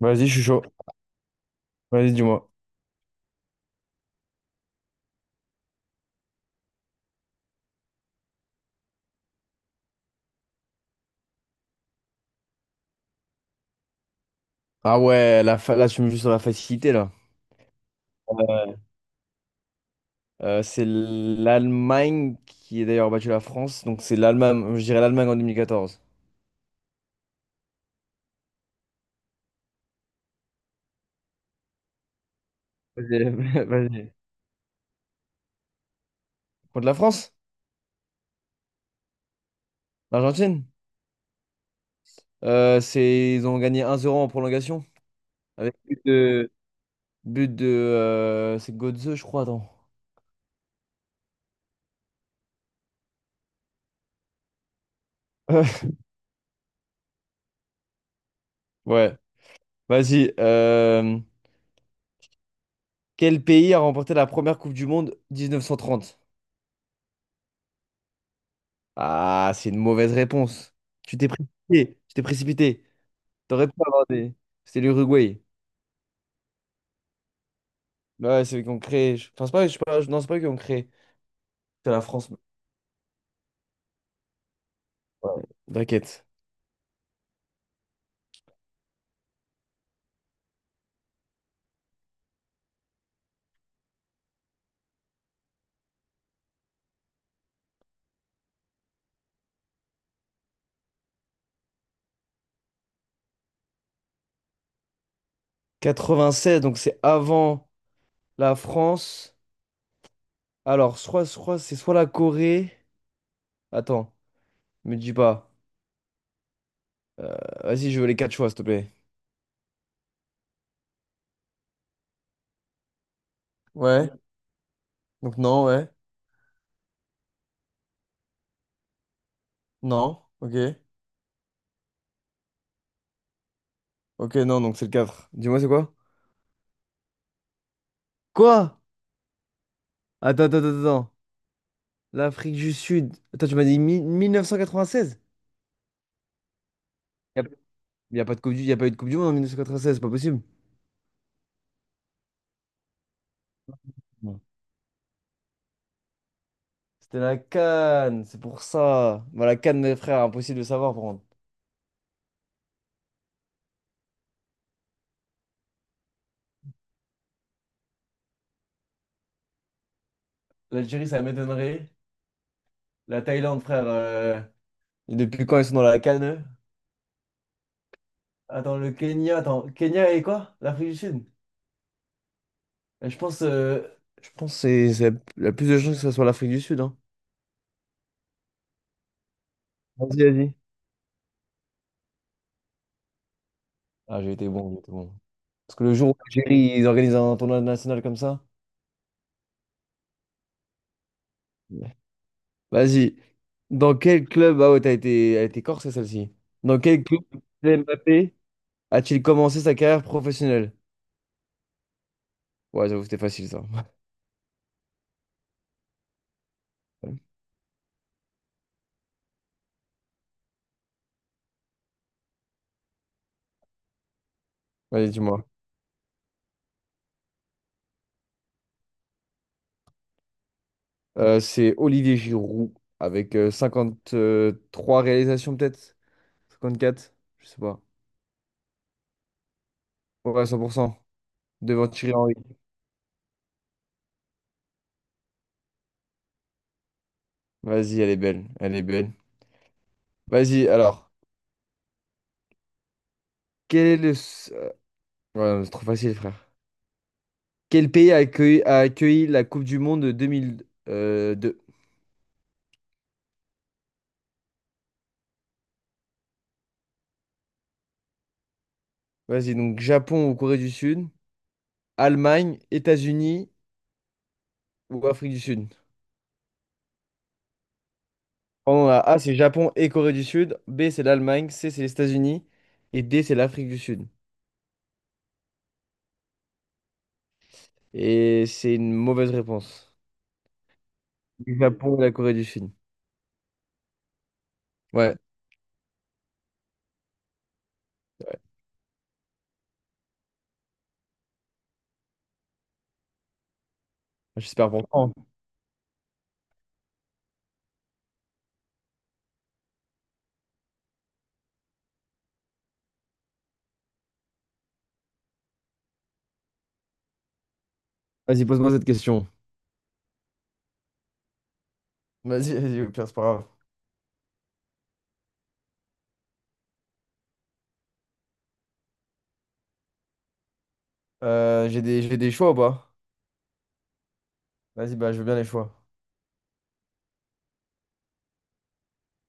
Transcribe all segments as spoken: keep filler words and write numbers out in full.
Vas-y, je suis chaud. Vas-y, dis-moi. Ah ouais, la fa- là, tu me joues sur la facilité, là. Euh, c'est l'Allemagne qui a d'ailleurs battu la France. Donc, c'est l'Allemagne, je dirais l'Allemagne en deux mille quatorze. Vas-y, vas-y. Contre la France? L'Argentine? Euh, c'est... Ils ont gagné un zéro en prolongation. Avec but de... But de euh, c'est Götze, je crois, attends. Ouais, vas-y. Euh, Quel pays a remporté la première Coupe du Monde mille neuf cent trente? Ah, c'est une mauvaise réponse. Tu t'es précipité. Tu t'es précipité. T'aurais pu avoir des. C'était l'Uruguay. Bah ouais, c'est eux qui ont créé. Je pense pas, je sais pas, non, c'est pas eux qui ont créé. C'est la France. Ouais, t'inquiète. quatre-vingt-seize, donc c'est avant la France. Alors, soit, soit c'est soit la Corée. Attends, me dis pas. Euh, vas-y, je veux les quatre choix, s'il te plaît. Ouais. Donc non, ouais. Non. Ok. Ok, non, donc c'est le quatre. Dis-moi, c'est quoi? Quoi? Attends, attends, attends, attends. L'Afrique du Sud. Attends, tu m'as dit mi- mille neuf cent quatre-vingt-seize? Il n'y a, y a pas de coupe du, y a pas eu de Coupe du Monde en mille neuf cent quatre-vingt-seize, c'est pas possible. Non. C'était la CAN, c'est pour ça. Bah, la CAN, mes frères, impossible de savoir, par contre. L'Algérie, ça m'étonnerait. La Thaïlande, frère, euh, et depuis quand ils sont dans la CAN, eux? Attends, le Kenya, attends, Kenya et quoi? L'Afrique du Sud? Euh, Je pense, euh, je pense que c'est c'est la plus de chances que ce soit l'Afrique du Sud, hein. Vas-y, vas-y. Ah, j'ai été bon, j'ai été bon. Parce que le jour où l'Algérie, ils organisent un tournoi national comme ça. Vas-y. Dans quel club... Ah ouais, t'as été, elle était corsée celle-ci. Dans quel club Mbappé a-t-il commencé sa carrière professionnelle? Ouais, j'avoue, c'était facile ça. Ouais. Vas-y, dis-moi. Euh, c'est Olivier Giroud avec euh, trois réalisations peut-être? Cinquante quatre, je sais pas. Ouais, cent pour cent. Devant Thierry Henry. Vas-y, elle est belle. Elle est belle. Vas-y, alors. Quel est le... s- euh, Ouais, non, c'est trop facile, frère. Quel pays a accueilli, a accueilli la Coupe du Monde de deux mille euh, deux? Vas-y, donc Japon ou Corée du Sud, Allemagne, États-Unis ou Afrique du Sud. Pardon, la A, c'est Japon et Corée du Sud. B, c'est l'Allemagne. C, c'est les États-Unis. Et D, c'est l'Afrique du Sud. Et c'est une mauvaise réponse. Le Japon et la Corée du Sud. Ouais, ouais. J'espère pour toi. Vas-y, pose-moi cette question. Vas-y, vas-y, au pire, c'est pas grave. Euh, j'ai des, j'ai des choix ou pas? Vas-y, bah, je veux bien les choix.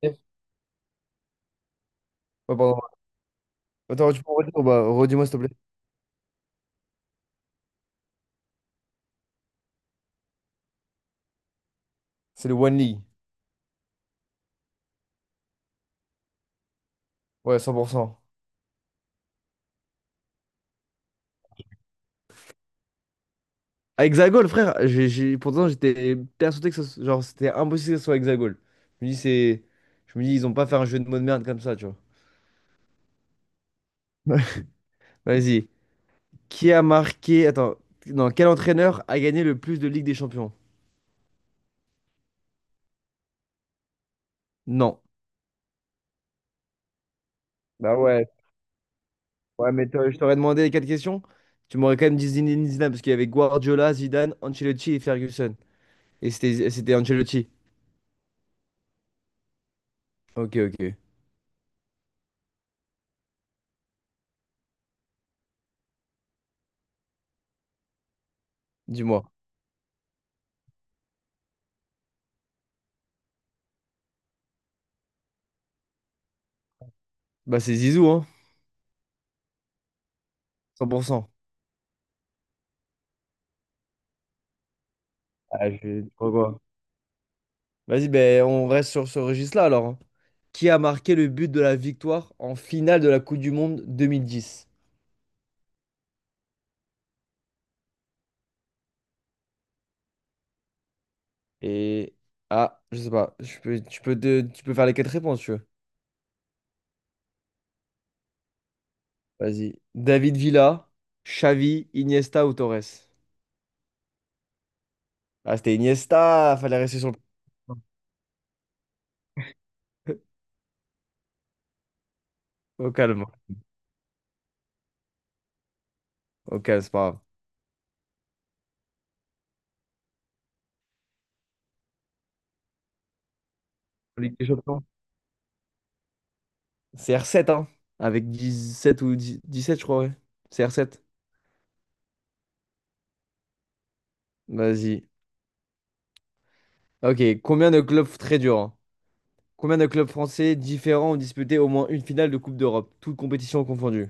Ouais, pardon. Attends, tu peux redire ou pas? Redis-moi, s'il te plaît. C'est le One League. Ouais, cent pour cent. À Hexagol, frère, j'ai, j'ai- pourtant j'étais persuadé que ça, genre, c'était impossible que ce soit Hexagol. Je me dis, c'est... Je me dis, ils ont pas fait un jeu de mots de merde comme ça, tu vois. Ouais. Vas-y. Qui a marqué... Attends. Non, quel entraîneur a gagné le plus de Ligue des Champions? Non. Bah ouais. Ouais, mais t'aurais- je t'aurais demandé les quatre questions. Tu m'aurais quand même dit Zinedine Zidane, parce qu'il y avait Guardiola, Zidane, Ancelotti et Ferguson. Et c'était c'était Ancelotti. Ok, ok. Dis-moi. Bah c'est Zizou, hein. cent pour cent. Ah, je... Pourquoi? Vas-y, ben, on reste sur ce registre-là alors, hein. Qui a marqué le but de la victoire en finale de la Coupe du Monde deux mille dix? Et. Ah, je sais pas. Je peux, tu peux, te- tu peux faire les quatre réponses, si tu veux. Vas-y. David Villa, Xavi, Iniesta ou Torres? Ah, c'était Iniesta, fallait rester sur le. Au calme. Au calme, c'est pas grave. Ligue des Champions. C'est R sept, hein? Avec dix-sept ou dix dix-sept, je crois, ouais. C'est R sept. Vas-y. Ok, combien de clubs très dur? Combien de clubs français différents ont disputé au moins une finale de Coupe d'Europe, toutes compétitions confondues?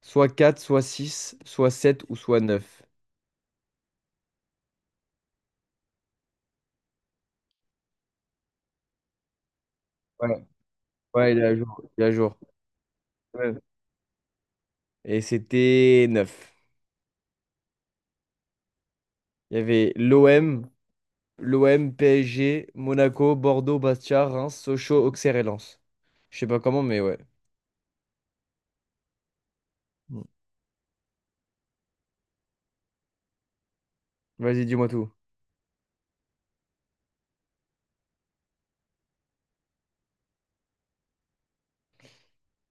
Soit quatre, soit six, soit sept ou soit neuf. Ouais, ouais, il est à jour. Il est à jour. Ouais. Et c'était neuf. Il y avait l'O M, l'O M, P S G, Monaco, Bordeaux, Bastia, Reims, Sochaux, Auxerre et Lens. Je sais pas comment, mais ouais. Mm. Vas-y, dis-moi tout.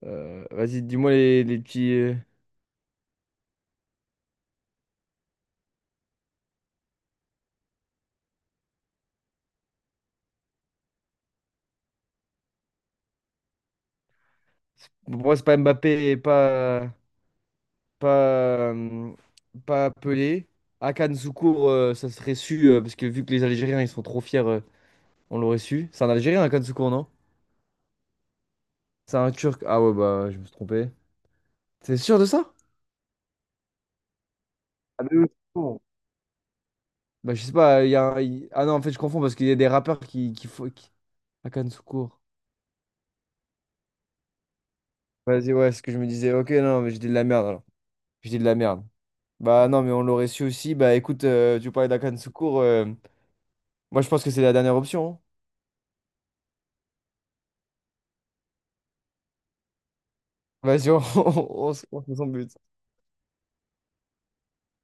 Euh, vas-y, dis-moi les, les petits. euh, Pour moi, c'est pas Mbappé et pas. Pas, euh, pas Pelé. Hakan Şükür, euh, ça serait su, euh, parce que vu que les Algériens, ils sont trop fiers, euh, on l'aurait su. C'est un Algérien, Hakan Şükür, non? C'est un Turc. Ah ouais, bah, je me suis trompé. T'es sûr de ça? Ah, mais oui, c'est bon. Bah, je sais pas, il y a un- il- ah non, en fait, je confonds parce qu'il y a des rappeurs qui, qui font... qui- Hakan Şükür. Vas-y, ouais, c'est ce que je me disais. Ok, non, mais j'ai dit de la merde, alors. J'ai dit de la merde. Bah non, mais on l'aurait su aussi. Bah écoute, euh, tu parlais d'Hakan Şükür. euh, Moi, je pense que c'est la dernière option, hein. Vas-y, on, on, on se on se met son but.